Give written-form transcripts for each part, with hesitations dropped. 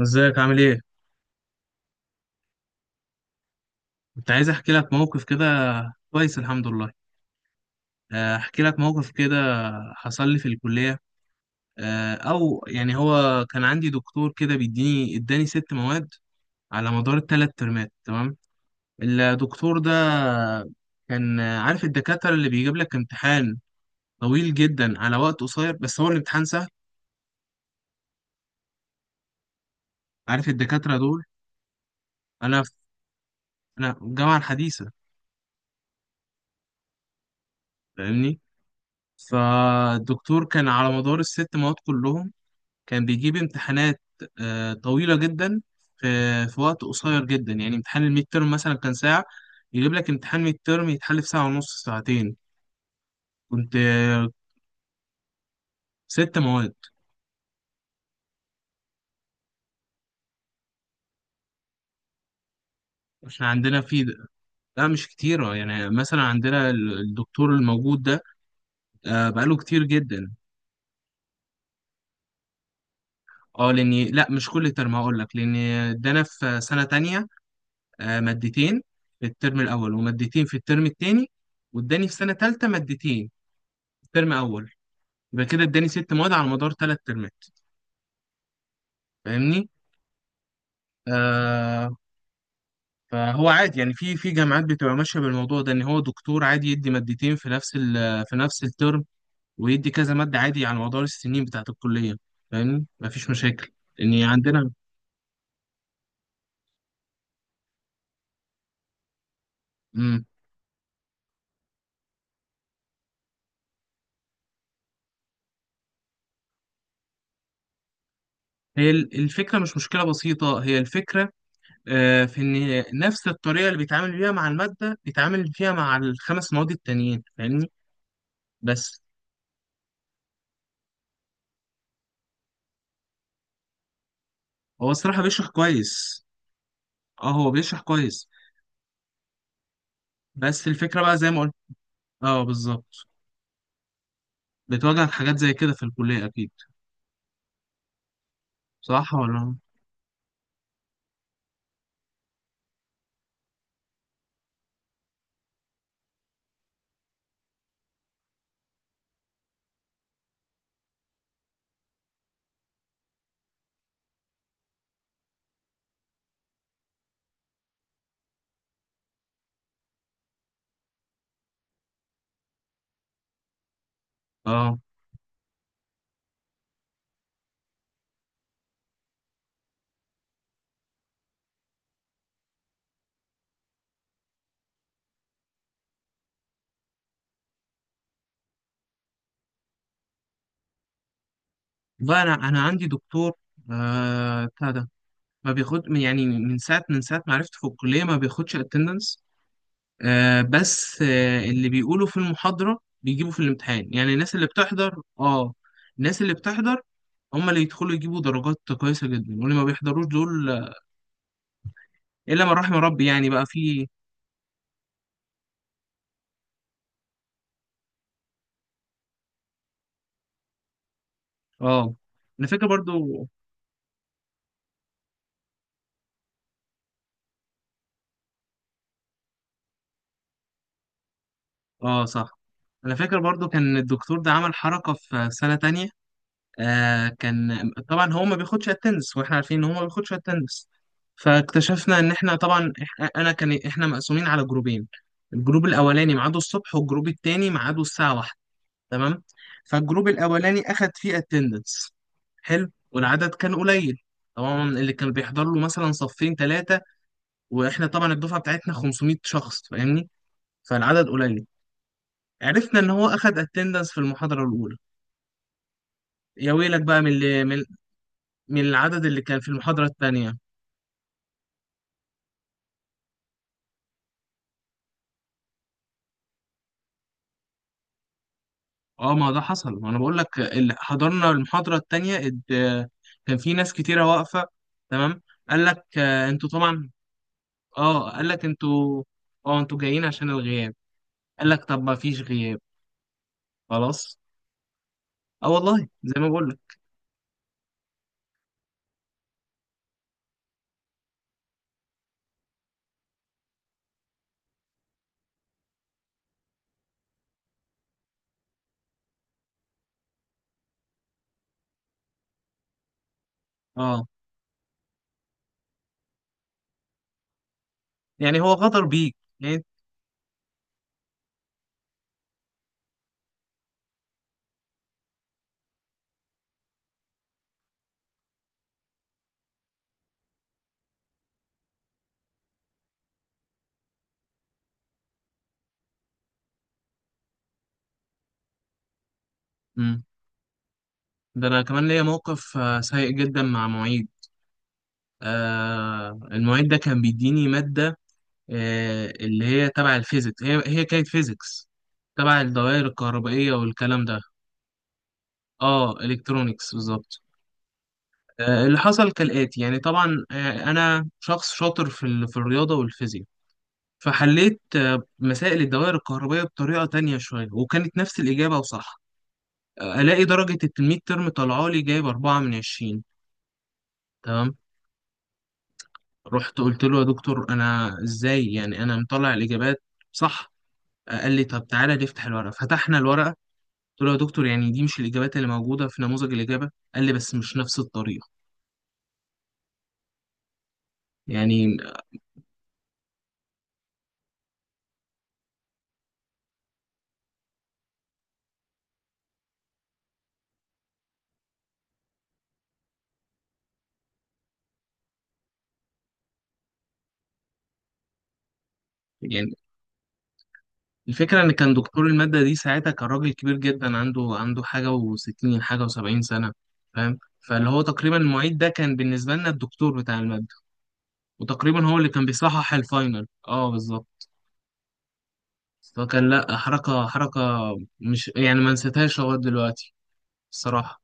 ازيك عامل ايه؟ كنت عايز احكي لك موقف كده. كويس الحمد لله. احكي لك موقف كده حصل لي في الكلية. آه، او يعني هو كان عندي دكتور كده اداني ست مواد على مدار الثلاث ترمات. تمام. الدكتور ده كان، عارف الدكاترة اللي بيجيب لك امتحان طويل جدا على وقت قصير بس هو الامتحان سهل؟ عارف الدكاترة دول؟ انا في انا في الجامعة الحديثة. فاهمني؟ فالدكتور كان على مدار الست مواد كلهم كان بيجيب امتحانات طويلة جدا في وقت قصير جدا، يعني امتحان الميد تيرم مثلا كان ساعة، يجيب لك امتحان ميد تيرم يتحل في ساعة ونص ساعتين. كنت آه، ست مواد. احنا عندنا في لا مش كتيرة، يعني مثلا عندنا الدكتور الموجود ده بقاله كتير جدا. اه لاني، لا مش كل ترم، هقول لك، لان ادانا في سنة تانية مادتين في الترم الاول، ومادتين في الترم التاني، واداني في سنة تالتة مادتين في الترم اول. يبقى كده اداني ست مواد على مدار ثلاث ترمات، فاهمني؟ آه. فهو عادي، يعني في جامعات بتبقى ماشيه بالموضوع ده، ان هو دكتور عادي يدي مادتين في نفس ال في نفس الترم، ويدي كذا ماده عادي على مدار السنين بتاعه الكليه. فاهمني؟ مفيش مشاكل. ان عندنا، مم، هي الفكره مش مشكله بسيطه، هي الفكره في ان نفس الطريقه اللي بيتعامل بيها مع الماده بيتعامل فيها مع الخمس مواد التانيين، فاهمني؟ بس هو الصراحه بيشرح كويس. اه هو بيشرح كويس. بس الفكرة بقى زي ما قلت. اه بالظبط. بتواجهك حاجات زي كده في الكلية أكيد. صح ولا؟ اه. بقى أنا عندي دكتور بتاع ده، ما بياخد من ساعة ما عرفت في الكلية ما بياخدش اتندنس. آه بس آه اللي بيقولوا في المحاضرة بيجيبوا في الامتحان، يعني الناس اللي بتحضر. اه. الناس اللي بتحضر هم اللي يدخلوا يجيبوا درجات كويسة جدا، واللي ما بيحضروش دول إلا من رحم ربي، يعني بقى في. اه. أنا فاكر برضو. اه صح. انا فاكر برضو كان الدكتور ده عمل حركة في سنة تانية. آه كان طبعا هو ما بياخدش التنس، واحنا عارفين ان هو ما بياخدش التنس، فاكتشفنا ان احنا طبعا، إح- انا كان احنا مقسومين على جروبين، الجروب الاولاني ميعاده الصبح، والجروب التاني ميعاده الساعة واحدة. تمام. فالجروب الاولاني اخد فيه اتندنس. حلو. والعدد كان قليل، طبعا اللي كان بيحضر له مثلا صفين ثلاثة، واحنا طبعا الدفعة بتاعتنا 500 شخص، فاهمني؟ فالعدد قليل. عرفنا ان هو اخد اتندنس في المحاضره الاولى. يا ويلك بقى من العدد اللي كان في المحاضره الثانيه. اه ما ده حصل، ما انا بقول لك، اللي حضرنا المحاضره الثانيه كان في ناس كتيره واقفه. تمام. قال لك انتوا طبعا، اه قال لك انتوا، اه انتوا جايين عشان الغياب. قال لك طب ما فيش غياب. خلاص. اه والله زي ما بقول لك. اه يعني هو غدر بيك يعني. مم. ده انا كمان ليا موقف سيء جدا مع معيد. آه المعيد ده كان بيديني ماده، اللي هي تبع الفيزيكس، هي كانت فيزيكس تبع الدوائر الكهربائية والكلام ده. اه الكترونيكس بالظبط. اللي حصل كالآتي، يعني طبعا، أنا شخص شاطر في في الرياضة والفيزياء، فحليت مسائل الدوائر الكهربائية بطريقة تانية شوية، وكانت نفس الإجابة وصح. ألاقي درجة الميد ترم طالعة لي، جايب أربعة من عشرين. تمام. رحت قلت له يا دكتور أنا إزاي؟ يعني أنا مطلع الإجابات صح. قال لي طب تعالى نفتح الورقة. فتحنا الورقة، قلت له يا دكتور يعني دي مش الإجابات اللي موجودة في نموذج الإجابة؟ قال لي بس مش نفس الطريقة. يعني يعني الفكرة إن كان دكتور المادة دي ساعتها كان راجل كبير جدا، عنده عنده حاجة وستين حاجة وسبعين سنة، فاهم؟ فاللي هو تقريبا المعيد ده كان بالنسبة لنا الدكتور بتاع المادة، وتقريبا هو اللي كان بيصحح الفاينل. اه بالظبط. فكان لأ، حركة، مش يعني ما نسيتهاش لغاية دلوقتي الصراحة.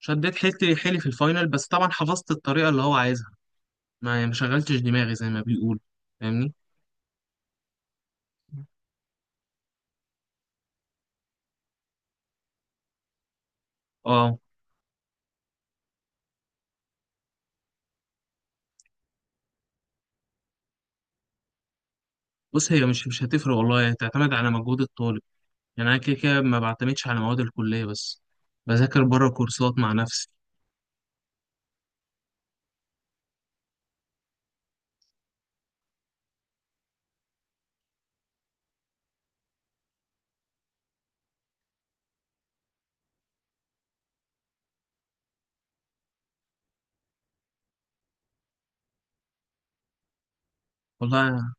شديت حيلي في الفاينل، بس طبعا حفظت الطريقة اللي هو عايزها، ما يعني ما شغلتش دماغي زي ما بيقول. فاهمني؟ اه بص، هي مش هتفرق والله، هي تعتمد على مجهود الطالب. يعني انا كده كده ما بعتمدش على مواد الكليه بس، بذاكر بره كورسات مع نفسي. والله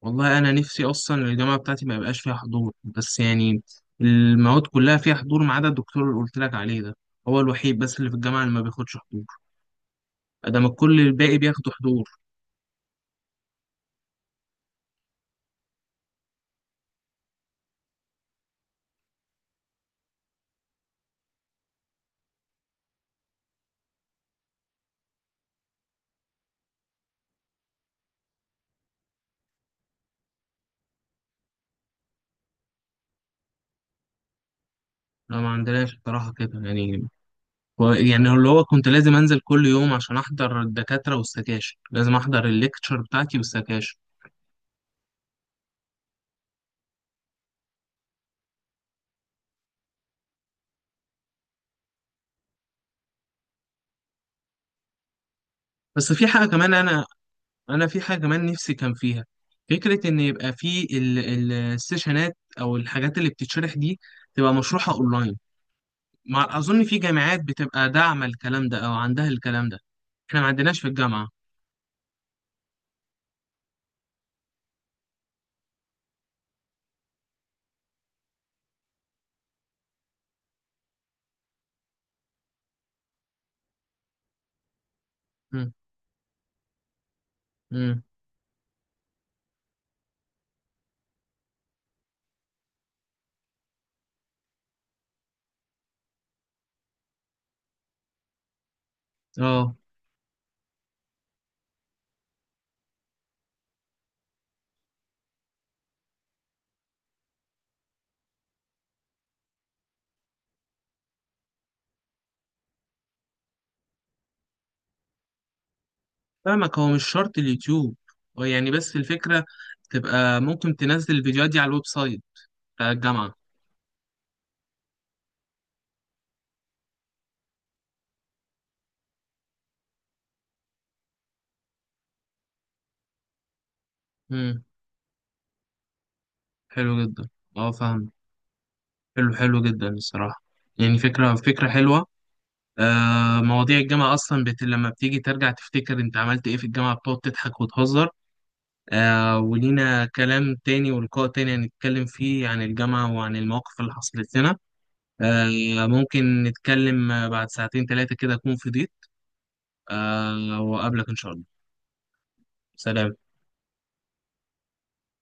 والله انا نفسي اصلا الجامعه بتاعتي ما يبقاش فيها حضور بس، يعني المواد كلها فيها حضور ما عدا الدكتور اللي قلت لك عليه ده، هو الوحيد بس اللي في الجامعه اللي ما بياخدش حضور. ادام الكل الباقي بياخدوا حضور. لا ما عندناش بصراحه كده يعني، يعني اللي هو كنت لازم انزل كل يوم عشان احضر الدكاتره والسكاشن، لازم احضر الليكتشر بتاعتي والسكاشن. بس في حاجة كمان، أنا انا في حاجه كمان نفسي كان فيها، فكره ان يبقى في السيشنات او الحاجات اللي بتتشرح دي تبقى مشروحه اونلاين. مع اظن في جامعات بتبقى داعمه الكلام ده او عندها الكلام ده. احنا ما عندناش في الجامعه. امم. امم. اه فاهمك، هو مش شرط اليوتيوب، هو يعني بس الفكره تبقى ممكن تنزل الفيديوهات دي على الويب سايت بتاع الجامعه. امم. حلو جدا. اه فاهم. حلو جدا الصراحه. يعني فكره حلوه. مواضيع الجامعة أصلا لما بتيجي ترجع تفتكر أنت عملت إيه في الجامعة، بتقعد تضحك وتهزر. آه، ولينا كلام تاني ولقاء تاني هنتكلم فيه عن الجامعة وعن المواقف اللي حصلت لنا. آه ممكن نتكلم بعد ساعتين تلاتة كده أكون فضيت. آه، وأقابلك إن شاء الله. سلام.